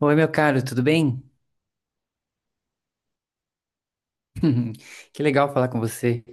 Oi, meu caro, tudo bem? Que legal falar com você.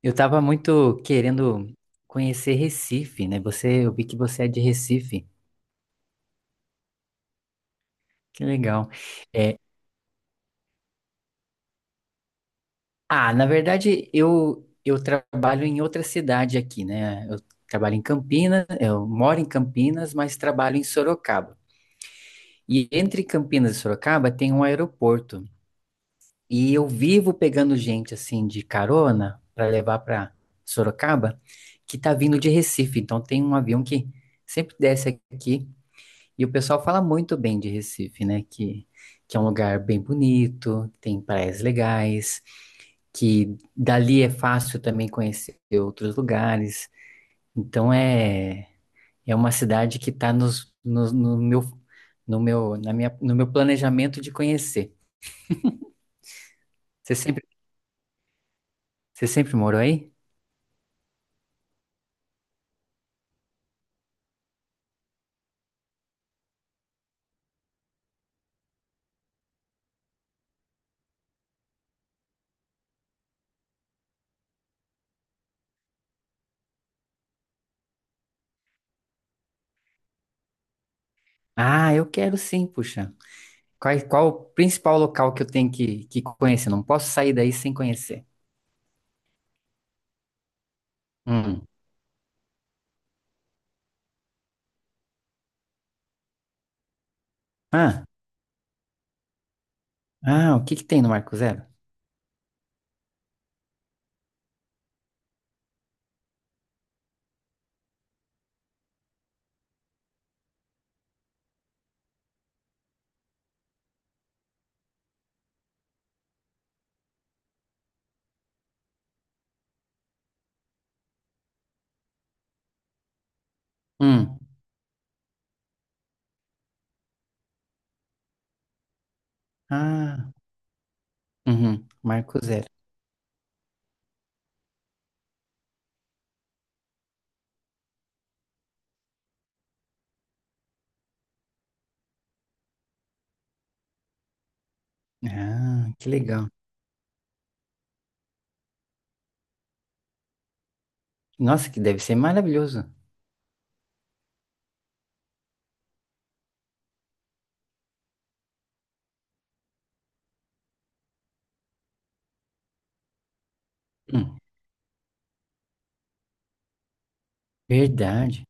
Eu tava muito querendo conhecer Recife, né? Você, eu vi que você é de Recife. Que legal. É, na verdade, eu trabalho em outra cidade aqui, né? Eu trabalho em Campinas, eu moro em Campinas, mas trabalho em Sorocaba. E entre Campinas e Sorocaba tem um aeroporto. E eu vivo pegando gente assim de carona para levar para Sorocaba, que tá vindo de Recife. Então tem um avião que sempre desce aqui e o pessoal fala muito bem de Recife, né? Que é um lugar bem bonito, tem praias legais, que dali é fácil também conhecer outros lugares. Então é uma cidade que tá no meu no meu planejamento de conhecer. Você sempre você sempre morou aí? Ah, eu quero sim, puxa. Qual o principal local que eu tenho que conhecer? Não posso sair daí sem conhecer. Hum. Ah, ah, o que que tem no Marco Zero? Hum. Ah, uhum, Marco Zero. Ah, que legal. Nossa, que deve ser maravilhoso. Hum, verdade.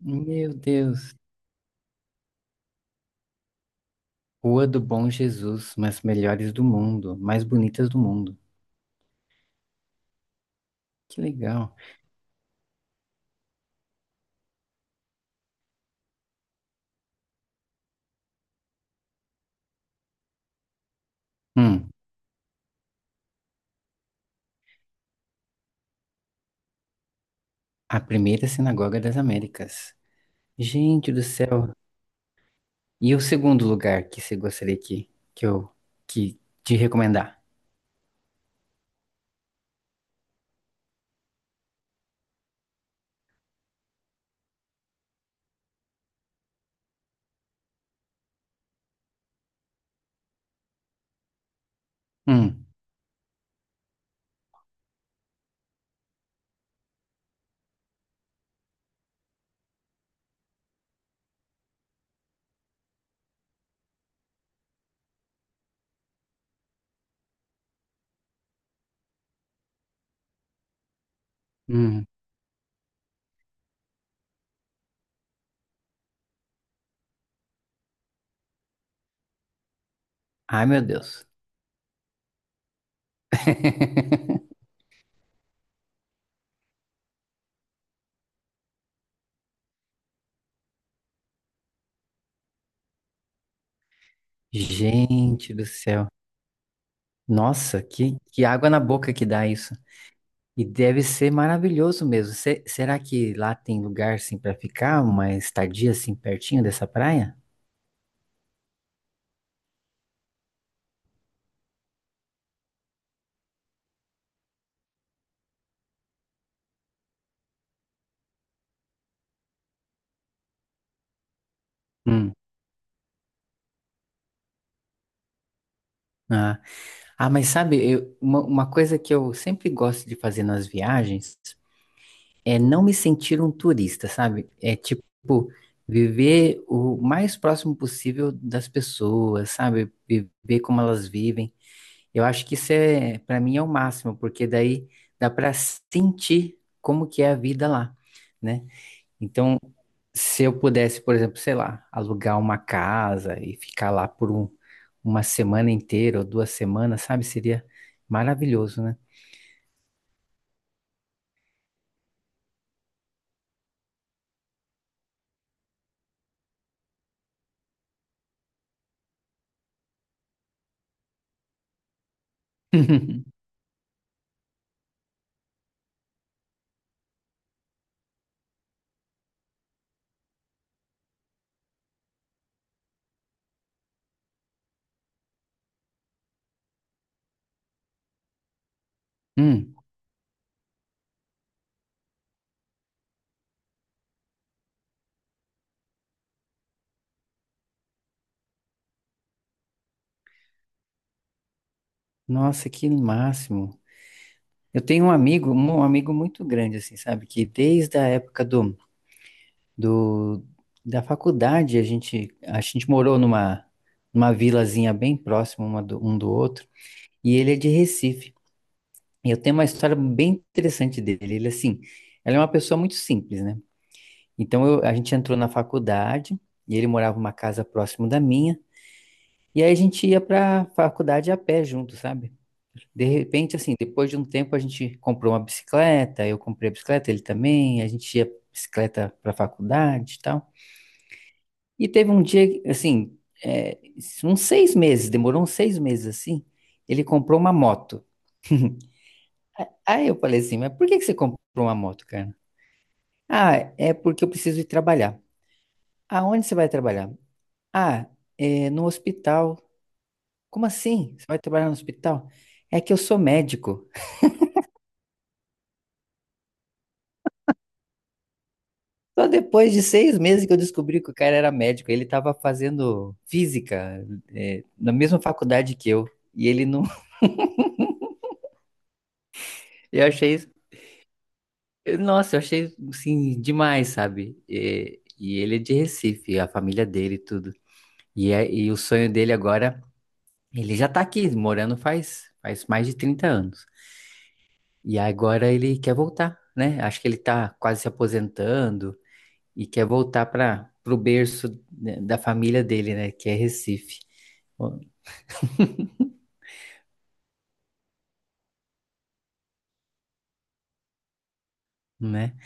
Meu Deus. Rua do Bom Jesus, mas melhores do mundo, mais bonitas do mundo. Que legal. Hum, a primeira sinagoga das Américas. Gente do céu. E o segundo lugar que você gostaria que eu que te recomendar? Hum, hum. Ai, meu Deus. Gente do céu. Nossa, que água na boca que dá isso. E deve ser maravilhoso mesmo. Será que lá tem lugar assim para ficar, uma estadia assim pertinho dessa praia? Hum. Ah. Ah, mas sabe, uma coisa que eu sempre gosto de fazer nas viagens é não me sentir um turista, sabe? É tipo viver o mais próximo possível das pessoas, sabe? Viver como elas vivem. Eu acho que isso é, para mim é o máximo, porque daí dá para sentir como que é a vida lá, né? Então, se eu pudesse, por exemplo, sei lá, alugar uma casa e ficar lá uma semana inteira ou duas semanas, sabe? Seria maravilhoso, né? Hum, nossa, que máximo. Eu tenho um amigo muito grande, assim, sabe? Que desde a época do, da faculdade, a gente morou numa vilazinha bem próxima um do outro, e ele é de Recife. E eu tenho uma história bem interessante dele. Ele, assim, ele é uma pessoa muito simples, né? Então, a gente entrou na faculdade, e ele morava numa casa próximo da minha, e aí a gente ia pra faculdade a pé junto, sabe? De repente, assim, depois de um tempo a gente comprou uma bicicleta, eu comprei a bicicleta, ele também, a gente ia bicicleta para a faculdade e tal. E teve um dia, que, assim, é, uns 6 meses, demorou uns 6 meses assim, ele comprou uma moto. Aí eu falei assim, mas por que que você comprou uma moto, cara? Ah, é porque eu preciso ir trabalhar. Aonde você vai trabalhar? Ah, é no hospital. Como assim? Você vai trabalhar no hospital? É que eu sou médico. Só depois de 6 meses que eu descobri que o cara era médico. Ele estava fazendo física, na mesma faculdade que eu. E ele não. Eu achei isso. Nossa, eu achei assim, demais, sabe? E ele é de Recife, a família dele e tudo. E o sonho dele agora. Ele já tá aqui, morando faz mais de 30 anos. E agora ele quer voltar, né? Acho que ele tá quase se aposentando e quer voltar para o berço né, da família dele, né? Que é Recife. Né?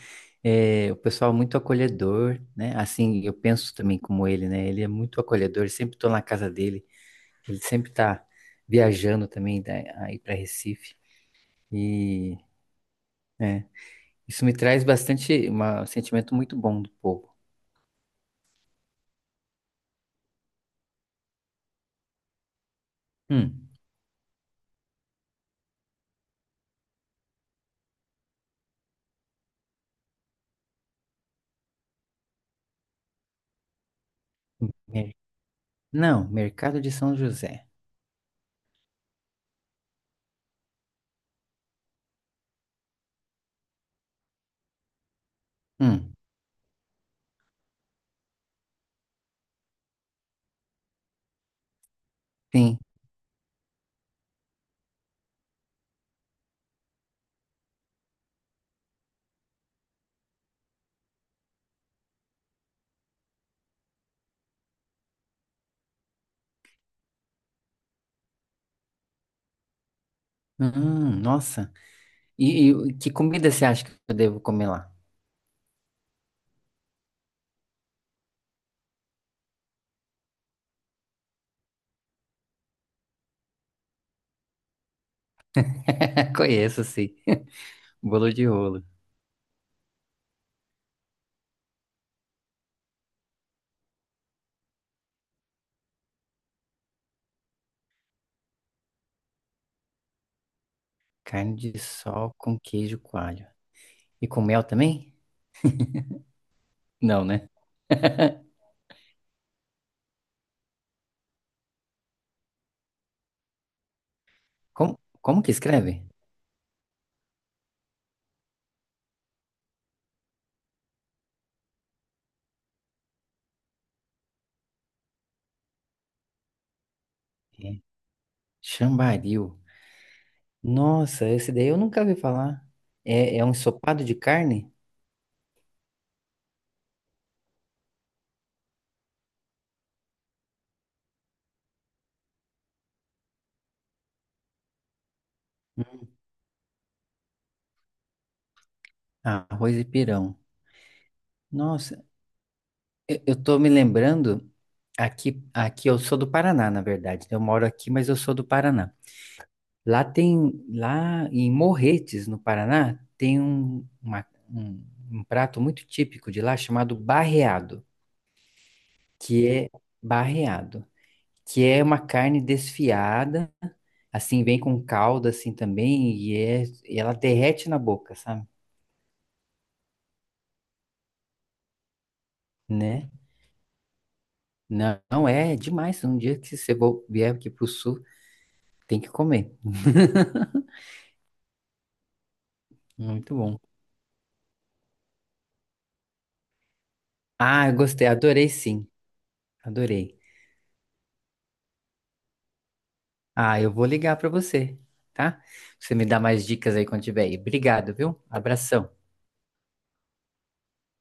É, o pessoal é muito acolhedor, né? Assim, eu penso também como ele, né? Ele é muito acolhedor, sempre estou na casa dele, ele sempre está viajando também aí para Recife e é, isso me traz bastante um sentimento muito bom do povo. Hum. mer- Não, Mercado de São José. Hum, sim. Nossa. Que comida você acha que eu devo comer lá? Conheço, sim. Bolo de rolo, carne de sol com queijo coalho. E com mel também? Não, né? Como, como que escreve? É, Chambaril. Nossa, esse daí eu nunca ouvi falar. É, é um ensopado de carne? Hum. Arroz e pirão. Nossa, eu tô me lembrando. Aqui eu sou do Paraná, na verdade. Eu moro aqui, mas eu sou do Paraná. Lá em Morretes, no Paraná, tem um prato muito típico de lá chamado barreado, que é barreado, que é uma carne desfiada, assim, vem com calda assim também, e ela derrete na boca, sabe? Né? Não, não é, é demais. Um dia que você vier aqui pro sul, tem que comer. Muito bom. Ah, eu gostei, adorei sim, adorei. Ah, eu vou ligar pra você, tá? Você me dá mais dicas aí quando tiver aí. Obrigado, viu? Abração.